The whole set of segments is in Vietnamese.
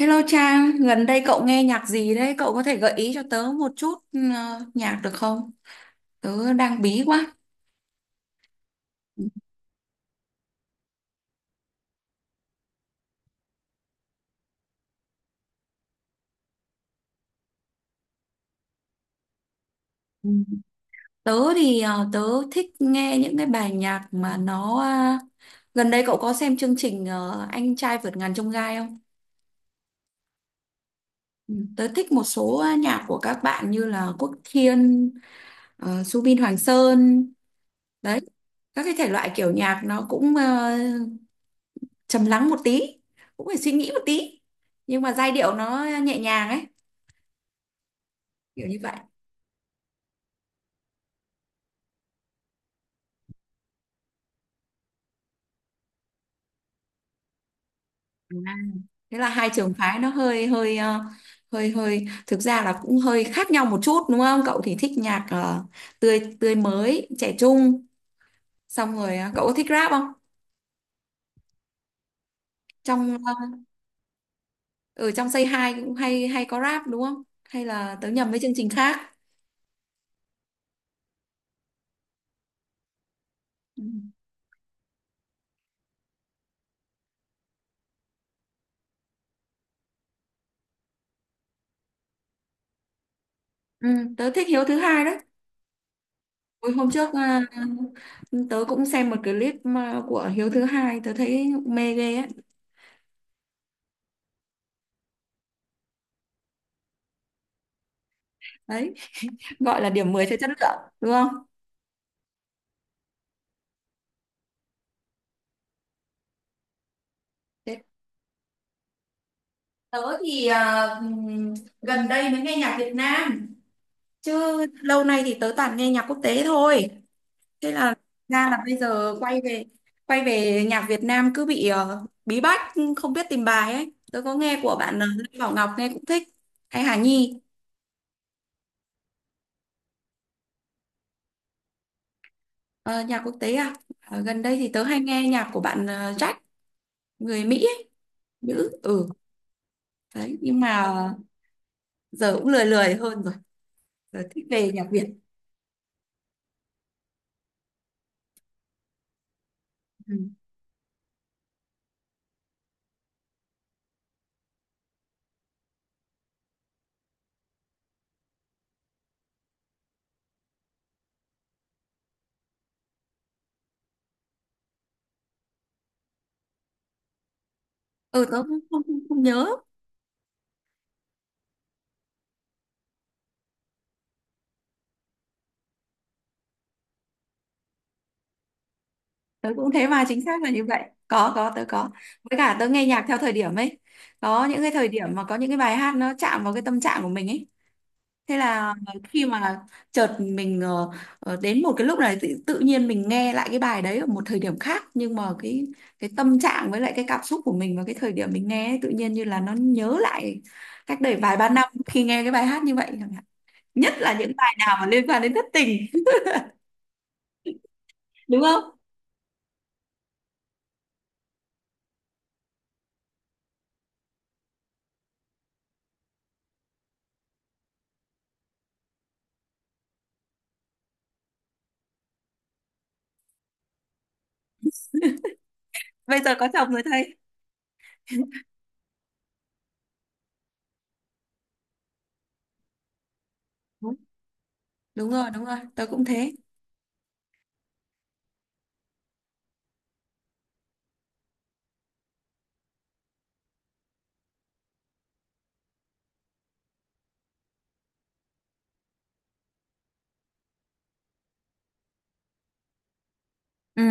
Hello Trang, gần đây cậu nghe nhạc gì đấy? Cậu có thể gợi ý cho tớ một chút nhạc được không? Tớ đang bí quá. Ừ. Tớ thì ờ, tớ thích nghe những cái bài nhạc mà gần đây cậu có xem chương trình Anh trai vượt ngàn chông gai không? Ừ, tớ thích một số nhạc của các bạn như là Quốc Thiên, Subin Hoàng Sơn, đấy. Các cái thể loại kiểu nhạc nó cũng trầm lắng một tí, cũng phải suy nghĩ một tí, nhưng mà giai điệu nó nhẹ nhàng ấy, kiểu như vậy à. Thế là hai trường phái nó hơi hơi hơi hơi thực ra là cũng hơi khác nhau một chút, đúng không? Cậu thì thích nhạc tươi tươi mới trẻ trung. Xong rồi cậu có thích rap không? trong ờ, Ở trong Say Hi cũng hay hay có rap đúng không, hay là tớ nhầm với chương trình khác? Ừ, ừ, tớ thích Hiếu thứ hai đấy. Ôi, hôm trước tớ cũng xem một clip của Hiếu thứ hai, tớ thấy mê ghê ấy. Đấy, gọi là điểm 10 cho chất lượng đúng không? Thế, tớ thì gần đây mới nghe nhạc Việt Nam, chứ lâu nay thì tớ toàn nghe nhạc quốc tế thôi. Thế là ra là bây giờ quay về nhạc Việt Nam cứ bị bí bách, không biết tìm bài ấy. Tớ có nghe của bạn Lê Bảo Ngọc nghe cũng thích, hay Hà Nhi. Ờ, nhạc quốc tế à. Ờ, gần đây thì tớ hay nghe nhạc của bạn Jack người Mỹ ấy, nữ, ừ đấy, nhưng mà giờ cũng lười lười hơn rồi, giờ thích về nhạc Việt. Ừ, ừ, tớ cũng không nhớ. Tớ cũng thế, mà chính xác là như vậy. Có, tớ có. Với cả tớ nghe nhạc theo thời điểm ấy, có những cái thời điểm mà có những cái bài hát nó chạm vào cái tâm trạng của mình ấy. Thế là khi mà chợt mình đến một cái lúc này tự nhiên mình nghe lại cái bài đấy ở một thời điểm khác, nhưng mà cái tâm trạng với lại cái cảm xúc của mình vào cái thời điểm mình nghe ấy, tự nhiên như là nó nhớ lại cách đây vài ba năm khi nghe cái bài hát như vậy chẳng hạn. Nhất là những bài nào mà liên quan đến thất tình, đúng không? Bây giờ có chồng rồi thấy đúng. Đúng rồi, đúng rồi, tớ cũng thế. Ừ,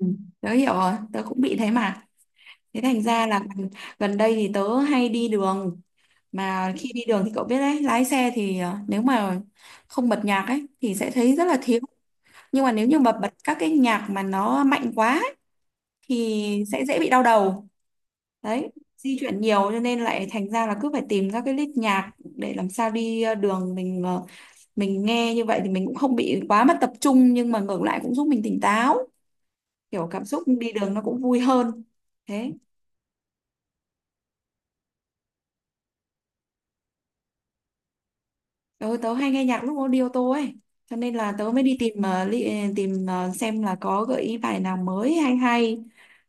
ừ, tớ hiểu rồi, tớ cũng bị thế mà. Thế thành ra là gần gần đây thì tớ hay đi đường, mà khi đi đường thì cậu biết đấy, lái xe thì nếu mà không bật nhạc ấy thì sẽ thấy rất là thiếu. Nhưng mà nếu như mà bật các cái nhạc mà nó mạnh quá ấy, thì sẽ dễ bị đau đầu. Đấy, di chuyển nhiều cho nên lại thành ra là cứ phải tìm các cái list nhạc để làm sao đi đường mình mình nghe như vậy thì mình cũng không bị quá mất tập trung, nhưng mà ngược lại cũng giúp mình tỉnh táo, kiểu cảm xúc đi đường nó cũng vui hơn. Thế tớ hay nghe nhạc lúc nó đi ô tô ấy, cho nên là tớ mới đi tìm, tìm, xem là có gợi ý bài nào mới hay hay.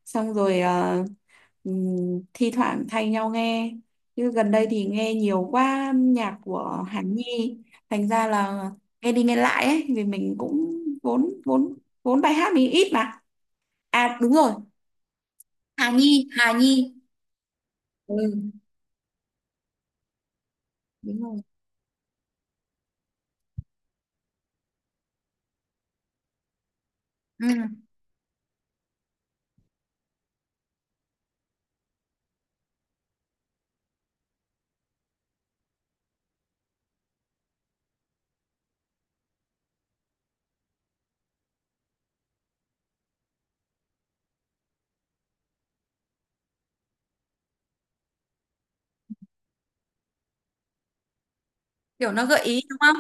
Xong rồi thi thoảng thay nhau nghe, chứ gần đây thì nghe nhiều quá nhạc của Hàn Nhi, thành ra là nghe đi nghe lại ấy, vì mình cũng vốn vốn vốn bài hát mình ít mà. À đúng rồi, Hà Nhi, Hà Nhi, ừ đúng rồi ừ. Kiểu nó gợi ý đúng không,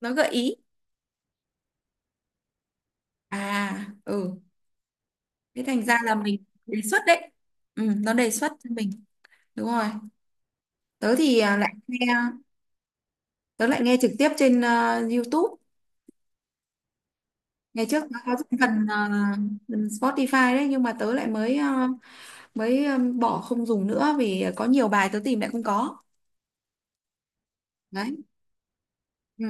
nó gợi ý. À, ừ. Thế thành ra là mình đề xuất đấy. Ừ, nó đề xuất cho mình. Đúng rồi. Tớ thì à, lại nghe tớ lại nghe trực tiếp trên YouTube. Ngày trước nó có cái phần phần Spotify đấy, nhưng mà tớ lại mới bỏ không dùng nữa vì có nhiều bài tớ tìm lại không có. Đấy. Ừ,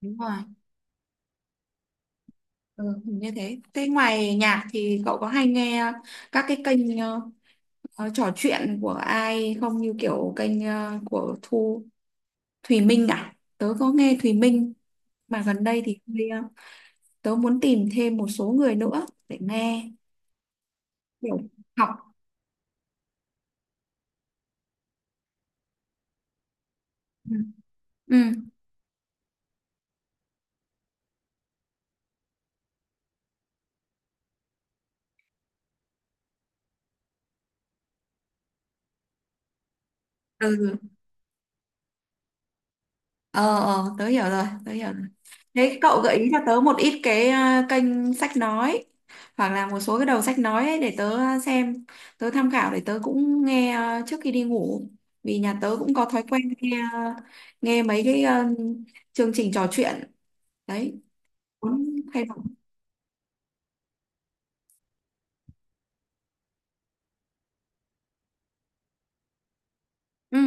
đúng rồi. Ừ, hình như thế. Thế ngoài nhạc thì cậu có hay nghe các cái kênh trò chuyện của ai không, như kiểu kênh của Thùy Minh à? Tớ có nghe Thùy Minh mà gần đây thì hơi, tớ muốn tìm thêm một số người nữa để nghe kiểu học. Ừ. Ừ. Ừ. Ờ, ờ, tớ hiểu rồi, tớ hiểu rồi. Thế cậu gợi ý cho tớ một ít cái kênh sách nói hoặc là một số cái đầu sách nói ấy để tớ xem, tớ tham khảo để tớ cũng nghe trước khi đi ngủ. Vì nhà tớ cũng có thói quen nghe ờ, nghe mấy cái chương trình trò chuyện đấy, muốn thay đổi. Ừ.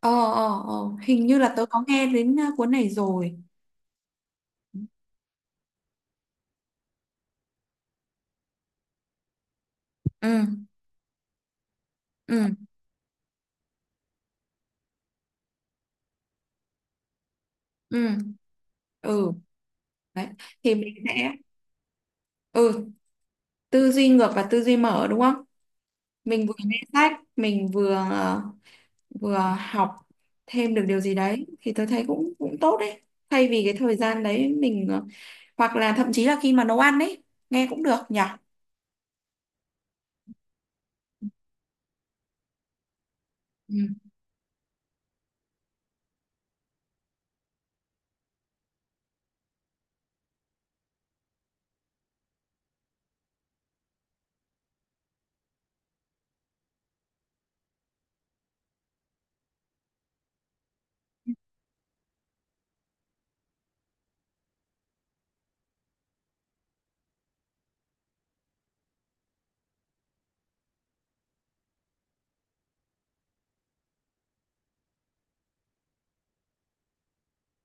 ờ ờ ờ Hình như là tớ có nghe đến cuốn này rồi. Ừ, ừ, ừ, ừ đấy, thì mình sẽ, ừ, tư duy ngược và tư duy mở đúng không, mình vừa nghe sách mình vừa vừa học thêm được điều gì đấy, thì tớ thấy cũng cũng tốt đấy. Thay vì cái thời gian đấy mình, hoặc là thậm chí là khi mà nấu ăn đấy, nghe cũng được nhỉ. Ừ,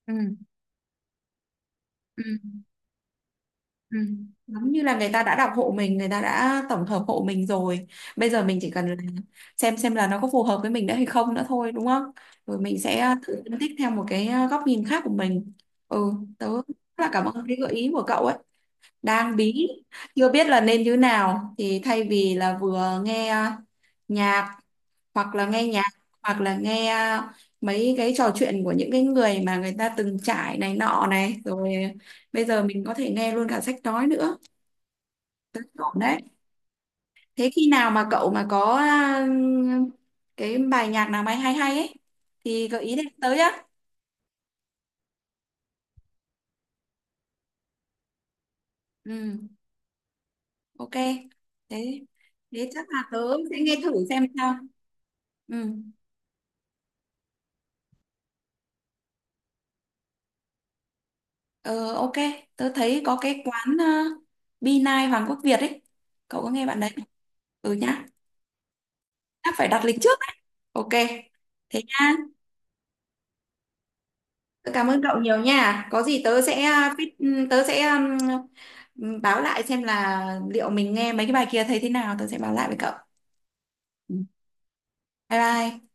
ừ, ừ. Ừ. Giống như là người ta đã đọc hộ mình, người ta đã tổng hợp hộ mình rồi. Bây giờ mình chỉ cần là xem là nó có phù hợp với mình nữa hay không nữa thôi, đúng không? Rồi mình sẽ tự phân tích theo một cái góc nhìn khác của mình. Ừ, tớ rất là cảm ơn cái gợi ý của cậu ấy. Đang bí, chưa biết là nên như nào. Thì thay vì là vừa nghe nhạc, hoặc là nghe nhạc, hoặc là nghe mấy cái trò chuyện của những cái người mà người ta từng trải này nọ, này rồi bây giờ mình có thể nghe luôn cả sách nói nữa. Tính ổn đấy. Thế khi nào mà cậu mà có cái bài nhạc nào mà hay hay ấy thì gợi ý để tới á. Ừ, ok. Thế thế chắc là tớ sẽ nghe thử xem sao. Ừ, ờ, ok. Tớ thấy có cái quán B9 Hoàng Quốc Việt ấy. Cậu có nghe bạn đấy không? Ừ nhá. Chắc phải đặt lịch trước đấy. Ok. Thế nhá. Tớ cảm ơn cậu nhiều nha. Có gì tớ sẽ báo lại xem là liệu mình nghe mấy cái bài kia thấy thế nào, tôi sẽ báo lại với cậu. Ừ. Bye bye.